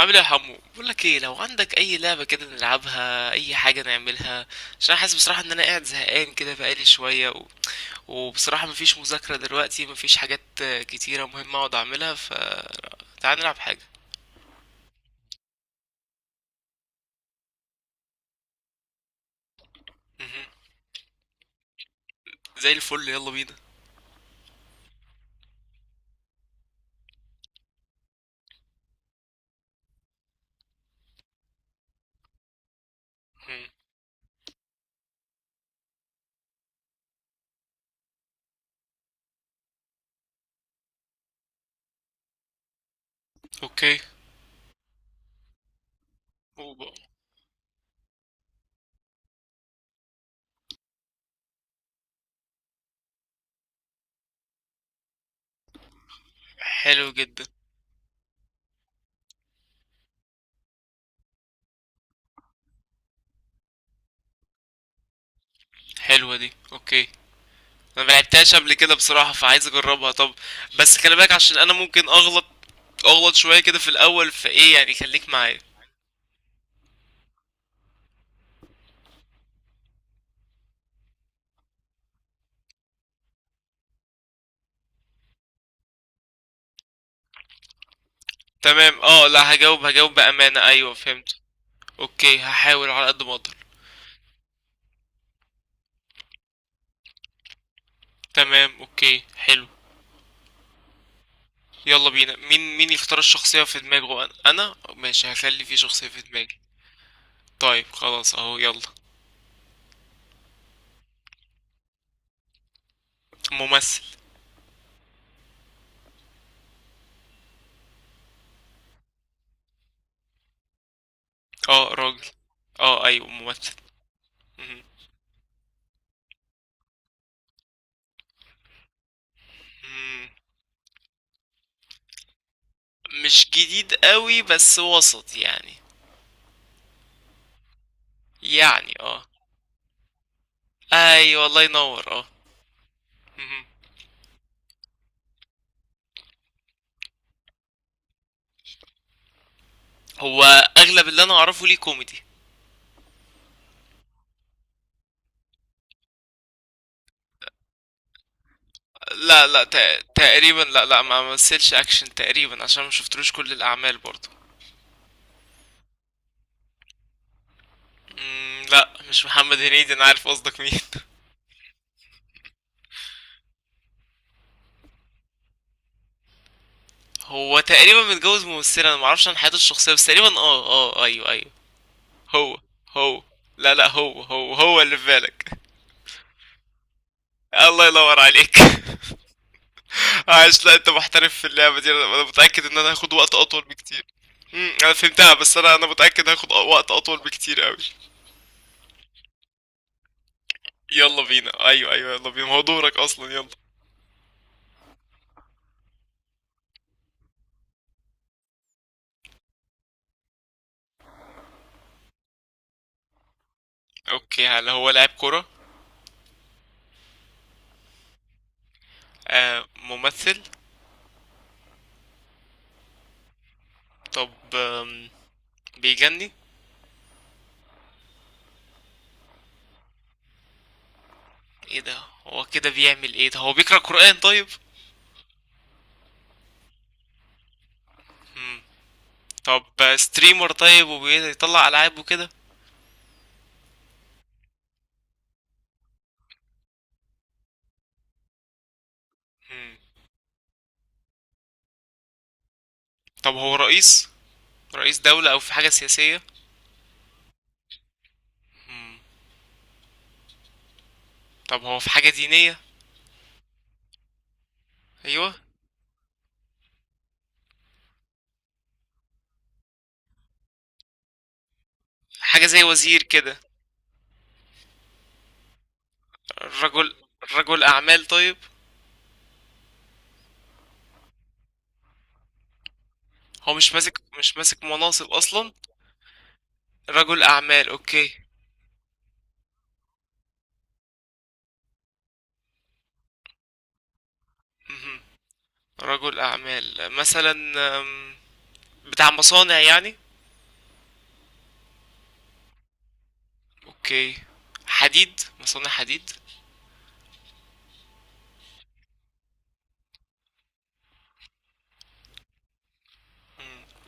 عامل ايه يا حمو؟ بقول لك ايه، لو عندك اي لعبه كده نلعبها، اي حاجه نعملها عشان انا حاسس بصراحه ان انا قاعد زهقان كده بقالي شويه و... وبصراحه مفيش مذاكره دلوقتي، مفيش حاجات كتيره مهمه اقعد اعملها، فتعال نلعب حاجه. مهم. زي الفل، يلا بينا. مهم. اوكي. أوبا. حلو جدا. حلوه دي، اوكي. انا ملعبتهاش قبل كده بصراحه، فعايز اجربها، طب. بس خلي بالك عشان انا ممكن اغلط شويه كده في الاول، فايه يعني خليك معايا. تمام. لأ، هاجاوب بأمانة. أيوه، فهمت. أوكي، هاحاول على قد ما أقدر. تمام، أوكي، حلو. يلا بينا، مين يختار الشخصية في دماغه؟ أنا. ماشي، هخلي في شخصية في دماغي. طيب خلاص أهو، يلا. ممثل. آه، راجل. آه، أيوه ممثل. مهم. مم. مش جديد قوي، بس وسط يعني. يعني، أيوه، الله ينور. مهم. هو أغلب اللي أنا أعرفه ليه كوميدي. لا، لا، تقريبا. لا، لا، ما مثلش اكشن تقريبا عشان ما شفتلوش كل الاعمال برضه. لا، مش محمد هنيدي، انا عارف قصدك مين. هو تقريبا متجوز ممثله. انا ما اعرفش عن حياته الشخصيه، بس تقريبا، اه، اه، ايوه، ايوه. هو هو لا، لا، هو اللي في بالك. الله ينور عليك. عايش؟ لا، انت محترف في اللعبه دي. انا متاكد ان انا هاخد وقت اطول بكتير. انا فهمتها، بس انا متاكد هاخد وقت اطول بكتير قوي. يلا بينا. ايوه، ايوه، يلا بينا، ما هو دورك اصلا، يلا. اوكي، هل هو لاعب كرة؟ آه، ممثل؟ طب، بيغني؟ ايه ده؟ هو كده بيعمل ايه ده؟ هو بيقرأ قرآن طيب؟ مم. طب، ستريمر طيب وبيطلع ألعاب وكده؟ مم. طب، هو رئيس دولة او في حاجة سياسية؟ مم. طب، هو في حاجة دينية؟ ايوه. حاجة زي وزير كده؟ رجل رجل أعمال طيب؟ هو مش ماسك مناصب أصلا؟ رجل أعمال. أوكي. مهم. رجل أعمال مثلا؟ أم، بتاع مصانع يعني؟ اوكي. حديد، مصانع حديد؟ مم.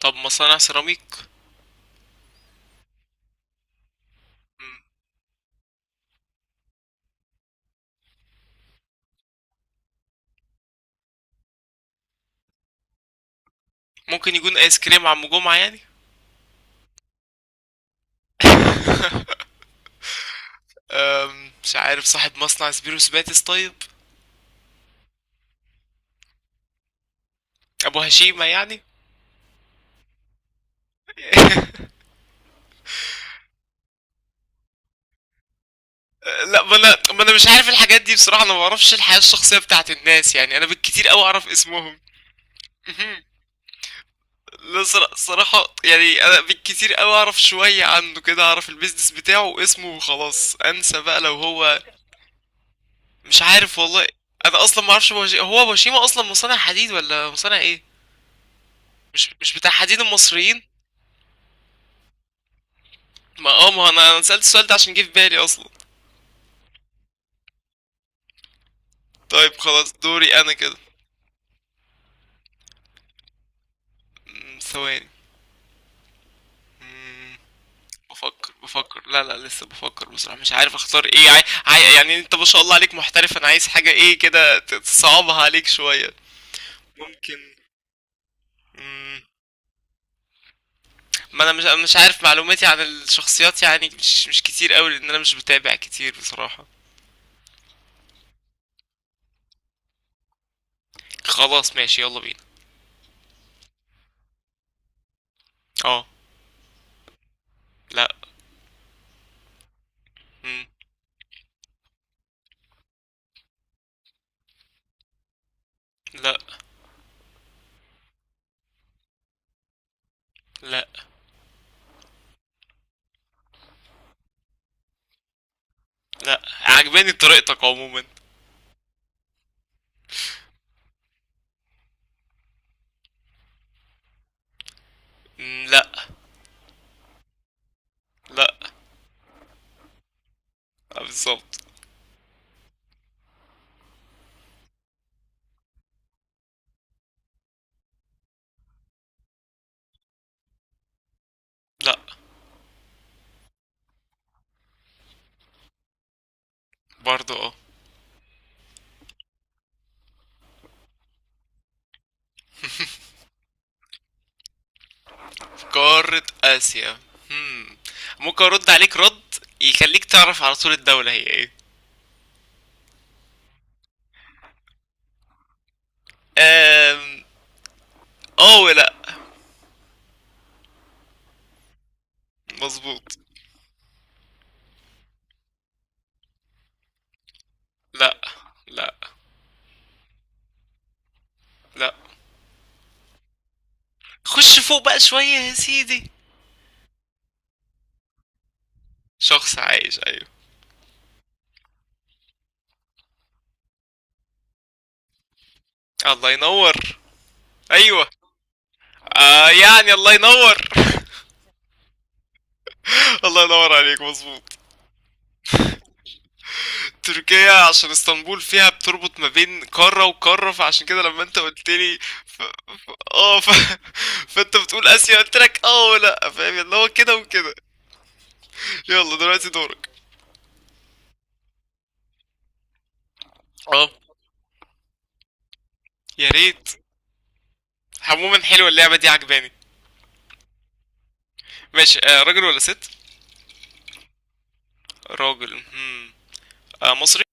طب، مصانع سيراميك؟ مم. ممكن يكون ايس كريم عم جمعة يعني؟ مش عارف. صاحب مصنع سبيروس باتس طيب؟ ابو هشيمة يعني؟ لا، ما انا مش عارف الحاجات دي بصراحة. انا ما بعرفش الحياة الشخصية بتاعت الناس يعني، انا بالكتير قوي اعرف اسمهم. مهم. لا، صراحة يعني، انا بالكتير قوي اعرف شوية عنه كده، اعرف البيزنس بتاعه واسمه وخلاص، انسى بقى لو هو. مش عارف والله. انا اصلا ما اعرفش هو بوشيما اصلا مصنع حديد ولا مصنع ايه؟ مش بتاع حديد المصريين؟ ما انا سألت السؤال ده عشان جه في بالي اصلا. طيب خلاص، دوري انا كده. ثواني. أمم، بفكر. لا، لا، لسه بفكر بصراحة. مش عارف اختار ايه. يعني انت ما شاء الله عليك محترف. انا عايز حاجة ايه كده تصعبها عليك شوية. ممكن. مم. ما انا مش عارف معلوماتي عن الشخصيات يعني مش كتير قوي، لان انا مش بتابع كتير بصراحة. خلاص ماشي، يلا بينا. اه. لا. مم. لا. لا، لا، عجباني طريقتك عموما. مم. لا. لا. آه، بالظبط. لا. برضه، اه. في قارة آسيا. مم. ممكن ارد عليك رد يخليك تعرف على طول الدولة هي ايه. آم، اه، ولا. مظبوط. لا. لا. لا، خش فوق بقى شوية يا سيدي. شخص عايش، ايوه. الله ينور. ايوه. آه، يعني الله ينور. الله ينور عليك. مظبوط. تركيا، عشان اسطنبول فيها بتربط ما بين قارة وقارة، فعشان كده لما انت قلت لي ف... ف... اه ف... فانت بتقول اسيا، قلت لك اه، ولا فاهم اللي هو كده وكده. يلا دلوقتي دورك. اه. يا ريت. عموما حلوة اللعبة دي، عجباني. ماشي. راجل ولا ست؟ راجل. هم. آه، مصري؟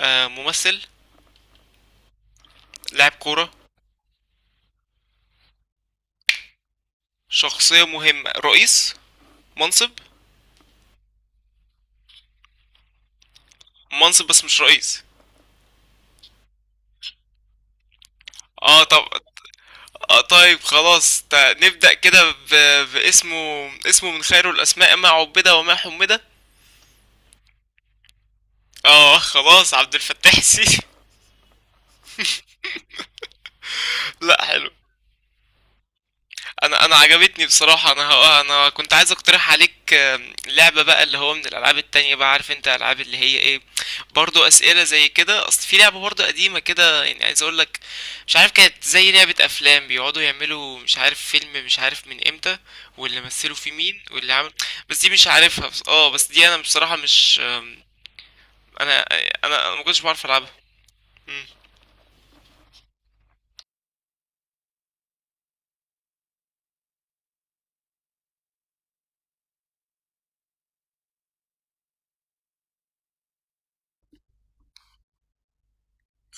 آه، ممثل؟ لاعب كورة؟ شخصية مهمة، رئيس، منصب؟ منصب بس مش رئيس؟ اه، طب. طيب خلاص، نبدأ كده باسمه. اسمه من خير الأسماء ما عبد وما حمد. اه خلاص، عبد الفتاح السيسي. لا، حلو. انا عجبتني بصراحه. انا كنت عايز اقترح عليك لعبه بقى، اللي هو من الالعاب التانية. بقى عارف انت العاب اللي هي ايه؟ برضو اسئله زي كده. اصل في لعبه برضو قديمه كده يعني، عايز اقول لك. مش عارف، كانت زي لعبه افلام بيقعدوا يعملوا مش عارف فيلم مش عارف من امتى، واللي مثلوا فيه مين واللي عمل. بس دي مش عارفها. بس دي انا بصراحه مش انا انا ما كنتش بعرف العبها. مم،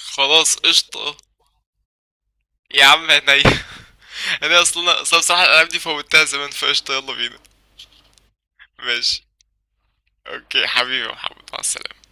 خلاص قشطه. يا عم احنا ايه؟ انا اصلا اصلا بصراحة الالعاب دي فوتها زمان، فقشطة، يلا بينا. ماشي. اوكي حبيبي يا محمد، مع السلامة.